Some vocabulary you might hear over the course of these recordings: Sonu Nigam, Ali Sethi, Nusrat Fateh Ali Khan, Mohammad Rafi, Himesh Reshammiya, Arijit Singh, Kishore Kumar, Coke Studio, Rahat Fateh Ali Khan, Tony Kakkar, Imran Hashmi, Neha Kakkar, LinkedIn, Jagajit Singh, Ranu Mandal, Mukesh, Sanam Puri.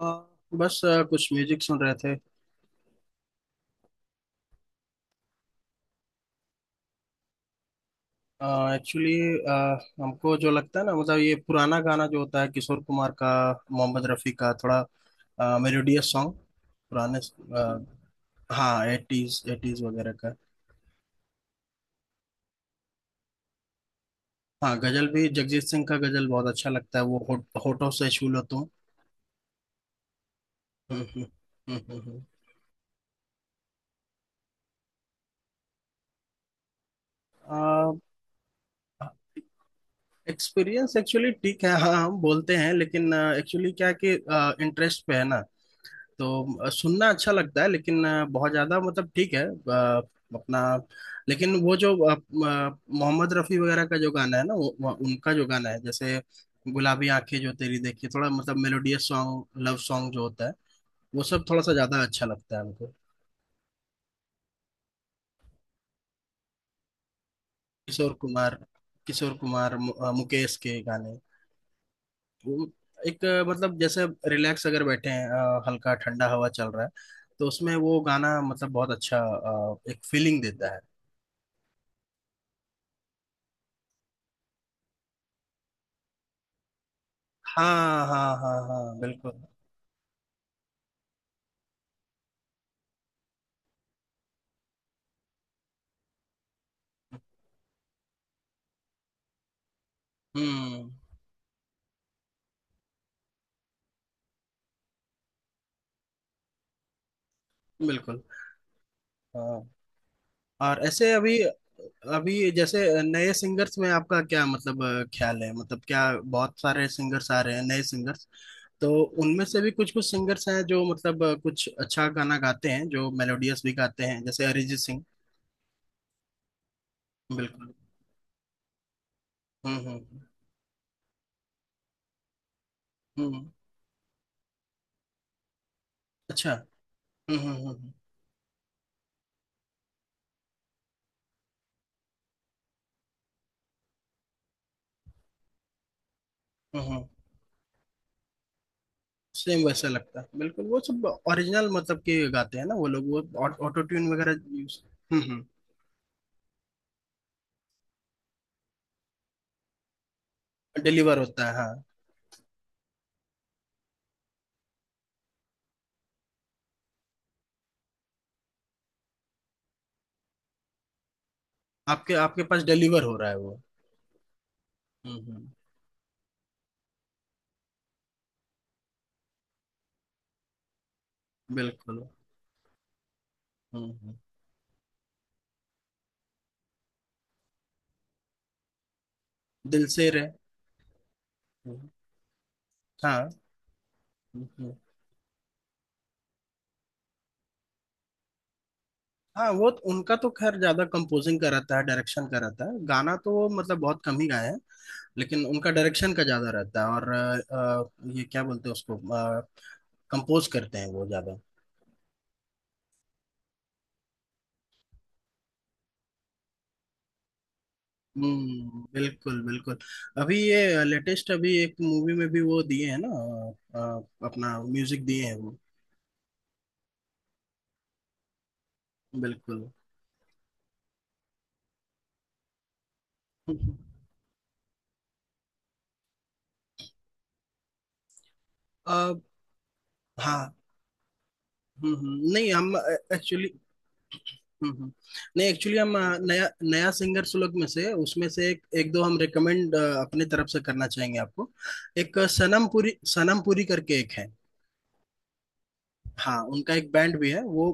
अ, बस कुछ म्यूजिक सुन रहे थे। एक्चुअली हमको जो लगता है ना, मतलब ये पुराना गाना जो होता है किशोर कुमार का, मोहम्मद रफ़ी का, थोड़ा मेलोडियस सॉन्ग। पुराने। अ, हाँ, एटीज, एटीज वगैरह का। हाँ, गजल भी। जगजीत सिंह का गजल बहुत अच्छा लगता है, वो होठों से छू लो तुम। हम्म, हम्म, हम्म, हम्म, हम्म। अ, एक्सपीरियंस एक्चुअली ठीक है, हाँ, हम बोलते हैं, लेकिन एक्चुअली क्या है कि इंटरेस्ट पे है ना। तो सुनना अच्छा लगता है, लेकिन बहुत ज्यादा मतलब ठीक है, अपना। लेकिन वो जो मोहम्मद रफी वगैरह का जो गाना है ना, उनका जो गाना है, जैसे गुलाबी आंखें जो तेरी देखी, थोड़ा मतलब मेलोडियस सॉन्ग, लव सॉन्ग जो होता है वो सब थोड़ा सा ज्यादा अच्छा लगता है हमको। किशोर कुमार, किशोर कुमार, मुकेश के गाने। वो एक, मतलब जैसे रिलैक्स अगर बैठे हैं, हल्का ठंडा हवा चल रहा है, तो उसमें वो गाना मतलब बहुत अच्छा, एक फीलिंग देता है। हाँ, हाँ, हाँ, हाँ, बिल्कुल। हम्म, बिल्कुल। हाँ। और ऐसे अभी, अभी जैसे नए सिंगर्स में आपका क्या, मतलब ख्याल है, मतलब क्या, बहुत सारे सिंगर्स आ रहे हैं, नए सिंगर्स। तो उनमें से भी कुछ कुछ सिंगर्स हैं जो मतलब कुछ अच्छा गाना गाते हैं, जो मेलोडियस भी गाते हैं, जैसे अरिजीत सिंह। बिल्कुल। हम्म, हम्म, हम्म। अच्छा। हम्म, हम्म, हम्म, हम्म। सेम वैसा लगता है बिल्कुल, वो सब ओरिजिनल मतलब के गाते हैं ना वो लोग, वो ऑटो ट्यून वगैरह यूज। हम्म, डिलीवर होता है, हाँ। आपके आपके पास डिलीवर हो रहा है वो। हम्म, बिल्कुल। हम्म, दिल से रहे। हम्म, हाँ। हम्म, हम्म। हाँ, उनका तो खैर ज्यादा कंपोजिंग का रहता है, डायरेक्शन का रहता है, गाना तो वो मतलब बहुत कम ही गाए हैं। लेकिन उनका डायरेक्शन का ज्यादा रहता है, और ये क्या बोलते हैं उसको, कंपोज करते हैं वो ज्यादा। हम्म, बिल्कुल, बिल्कुल। अभी ये लेटेस्ट, अभी एक मूवी में भी वो दिए हैं ना, अपना म्यूजिक दिए हैं वो। बिल्कुल। हम्म, हम्म। अ, हाँ। हम्म, नहीं हम एक्चुअली, हम्म, नहीं एक्चुअली हम नया नया सिंगर सुलग में से, उसमें से एक एक दो हम रेकमेंड अपने तरफ से करना चाहेंगे आपको। एक सनम पुरी, सनम पुरी करके एक है। हाँ, उनका एक बैंड भी है वो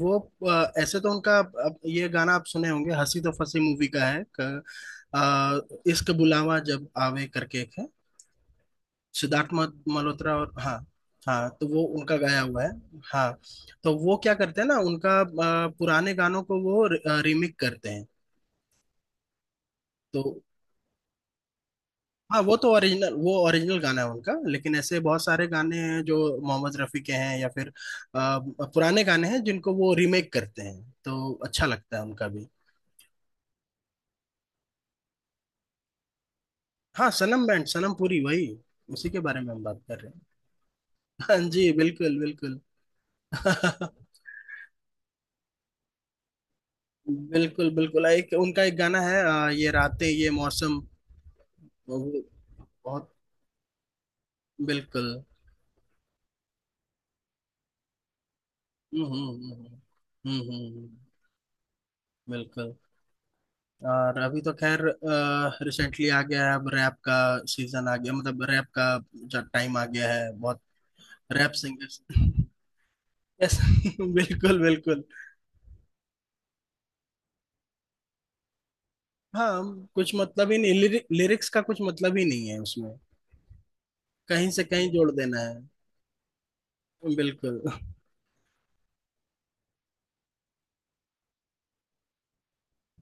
वो ऐसे तो उनका, अब ये गाना आप सुने होंगे, हंसी तो फंसी मूवी का है, इश्क बुलावा जब आवे करके एक है। सिद्धार्थ मल्होत्रा, और हाँ, हाँ। तो वो उनका गाया हुआ है। हाँ, तो वो क्या करते हैं ना, उनका पुराने गानों को वो रिमिक करते हैं, तो हाँ। वो ओरिजिनल गाना है उनका, लेकिन ऐसे बहुत सारे गाने हैं जो मोहम्मद रफ़ी के हैं, या फिर पुराने गाने हैं जिनको वो रीमेक करते हैं, तो अच्छा लगता है उनका भी। हाँ, सनम बैंड, सनम पुरी वही, उसी के बारे में हम बात कर रहे हैं। हाँ जी, बिल्कुल, बिल्कुल। बिल्कुल, बिल्कुल, एक उनका एक गाना है, ये रातें ये मौसम। वो भी बहुत। बिल्कुल। हम्म, हम्म, हम्म, हम्म, हम्म, हम्म, बिल्कुल। और अभी तो खैर रिसेंटली आ गया है अब, रैप का सीजन आ गया, मतलब रैप का जो टाइम आ गया है, बहुत रैप सिंगर्स। यस। बिल्कुल, बिल्कुल। हाँ, कुछ मतलब ही नहीं लिरिक्स का, कुछ मतलब ही नहीं है उसमें। कहीं से कहीं जोड़ देना है। बिल्कुल।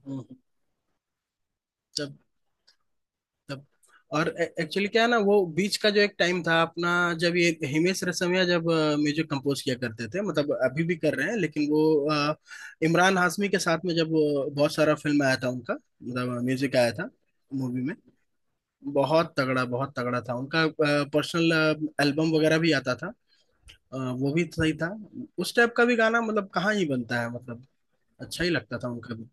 हम्म, सब, तब। और एक्चुअली क्या है ना, वो बीच का जो एक टाइम था अपना, जब ये हिमेश रेशमिया जब म्यूजिक कंपोज किया करते थे, मतलब अभी भी कर रहे हैं, लेकिन वो अ, इमरान हाशमी के साथ में जब वो बहुत सारा फिल्म आया था उनका, मतलब म्यूजिक आया था मूवी में, बहुत तगड़ा, बहुत तगड़ा था उनका। पर्सनल एल्बम वगैरह भी आता था, वो भी सही था, उस टाइप का भी गाना मतलब कहाँ ही बनता है, मतलब अच्छा ही लगता था उनका भी।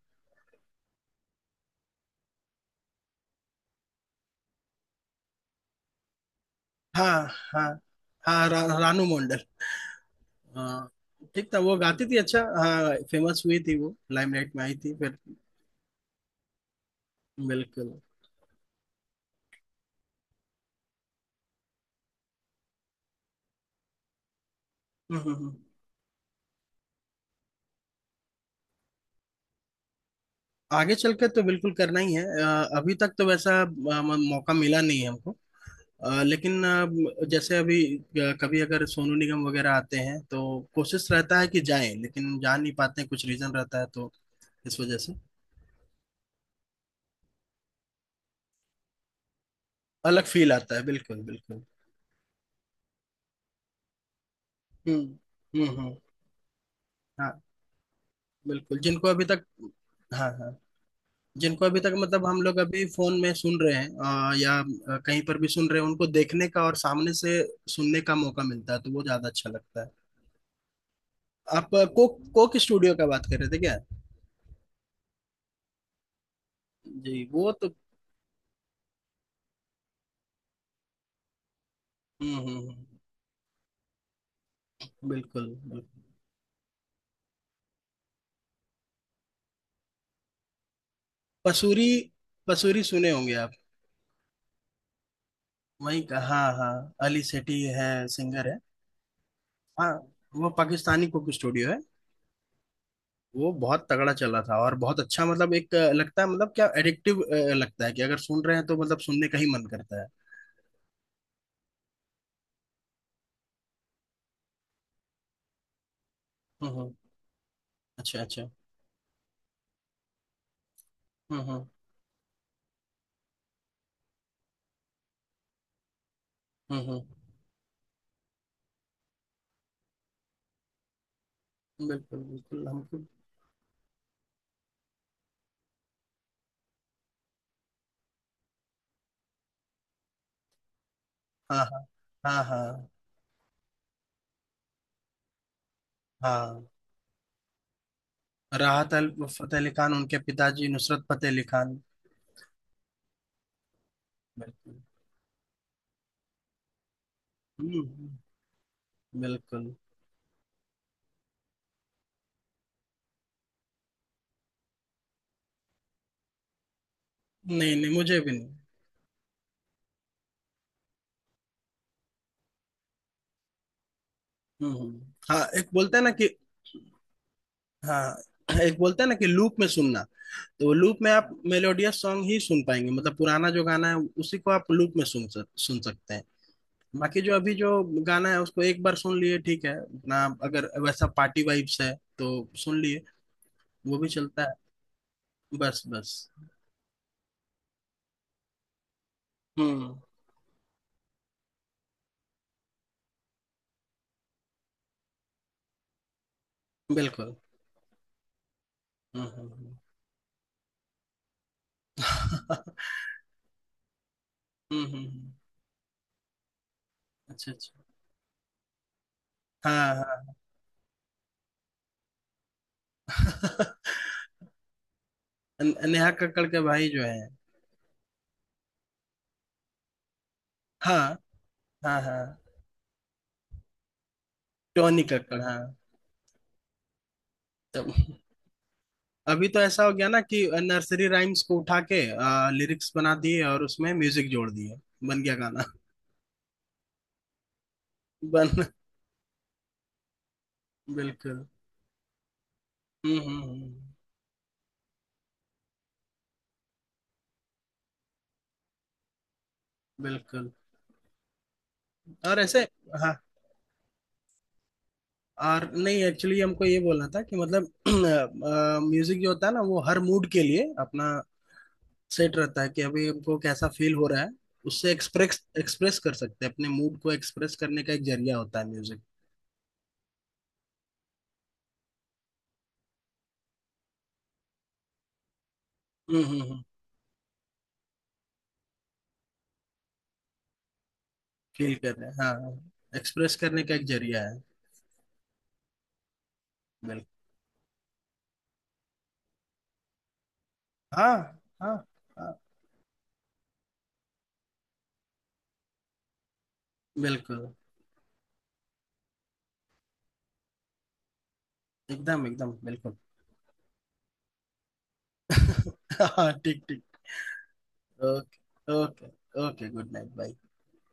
हाँ, हाँ, हाँ, रानू मंडल, हाँ। ठीक था, वो गाती थी अच्छा, हाँ, फेमस हुई थी, वो लाइमलाइट में आई थी फिर। बिल्कुल। हम्म, हम्म, हम्म। आगे चल के तो बिल्कुल करना ही है, अभी तक तो वैसा मौका मिला नहीं है हमको। लेकिन जैसे अभी कभी अगर सोनू निगम वगैरह आते हैं तो कोशिश रहता है कि जाएं, लेकिन जा नहीं पाते हैं, कुछ रीजन रहता है, तो इस वजह से। अलग फील आता है, बिल्कुल, बिल्कुल। हम्म, हम्म, हम्म, हाँ, बिल्कुल। जिनको अभी तक हाँ, हाँ, जिनको अभी तक मतलब हम लोग अभी फोन में सुन रहे हैं, या कहीं पर भी सुन रहे हैं, उनको देखने का और सामने से सुनने का मौका मिलता है, तो वो ज्यादा अच्छा लगता है। आप कोक कोक स्टूडियो का बात कर रहे थे क्या? जी, वो तो। हम्म, हम्म, बिल्कुल, बिल्कुल। पसूरी, पसूरी सुने होंगे आप। वहीं का, हाँ, हाँ, अली सेठी है, सिंगर है। हाँ, वो पाकिस्तानी कुक स्टूडियो है। वो बहुत तगड़ा चला था, और बहुत अच्छा मतलब एक लगता है मतलब, क्या एडिक्टिव लगता है कि अगर सुन रहे हैं तो मतलब सुनने का ही मन करता है। अच्छा, अच्छा। हम्म, हम्म, हम्म, बिल्कुल, बिल्कुल हमको। हाँ, हाँ, हाँ, हाँ, हाँ, राहत अल फतेह अली खान, उनके पिताजी नुसरत फतेह अली खान। बिल्कुल। हम्म, बिल्कुल। नहीं, नहीं, मुझे भी नहीं। हम्म, हाँ, एक बोलते हैं ना कि लूप में सुनना, तो वो लूप में आप मेलोडियस सॉन्ग ही सुन पाएंगे, मतलब पुराना जो गाना है उसी को आप लूप में सुन सकते हैं। बाकी जो अभी जो गाना है उसको एक बार सुन लिए ठीक है ना, अगर वैसा पार्टी वाइब्स है, तो सुन लिए, वो भी चलता है। बस, बस। हम्म, बिल्कुल। हम्म, हम्म, हम्म। हम्म, हम्म, हम्म, अच्छा, अच्छा, हाँ, हाँ। नेहा कक्कड़ के भाई जो है। हाँ, हाँ, हाँ, टोनी कक्कड़, हाँ। तो अभी तो ऐसा हो गया ना कि नर्सरी राइम्स को उठा के लिरिक्स बना दिए, और उसमें म्यूजिक जोड़ दिए, बन गया गाना। बन बिल्कुल। हम्म, हम्म, बिल्कुल। और ऐसे, हाँ। और नहीं, एक्चुअली हमको ये बोलना था कि, मतलब म्यूजिक जो होता है ना, वो हर मूड के लिए अपना सेट रहता है, कि अभी हमको कैसा फील हो रहा है, उससे एक्सप्रेस एक्सप्रेस कर सकते हैं। अपने मूड को एक्सप्रेस करने का एक जरिया होता है म्यूजिक। हम्म, हम्म, हम्म। फील कर रहे हैं, हाँ। एक्सप्रेस करने का एक जरिया है। बिल्कुल। हाँ, हाँ, हाँ, बिल्कुल। एकदम, एकदम, बिल्कुल। हाँ, ठीक, ठीक। Okay, okay. Okay, good night, bye.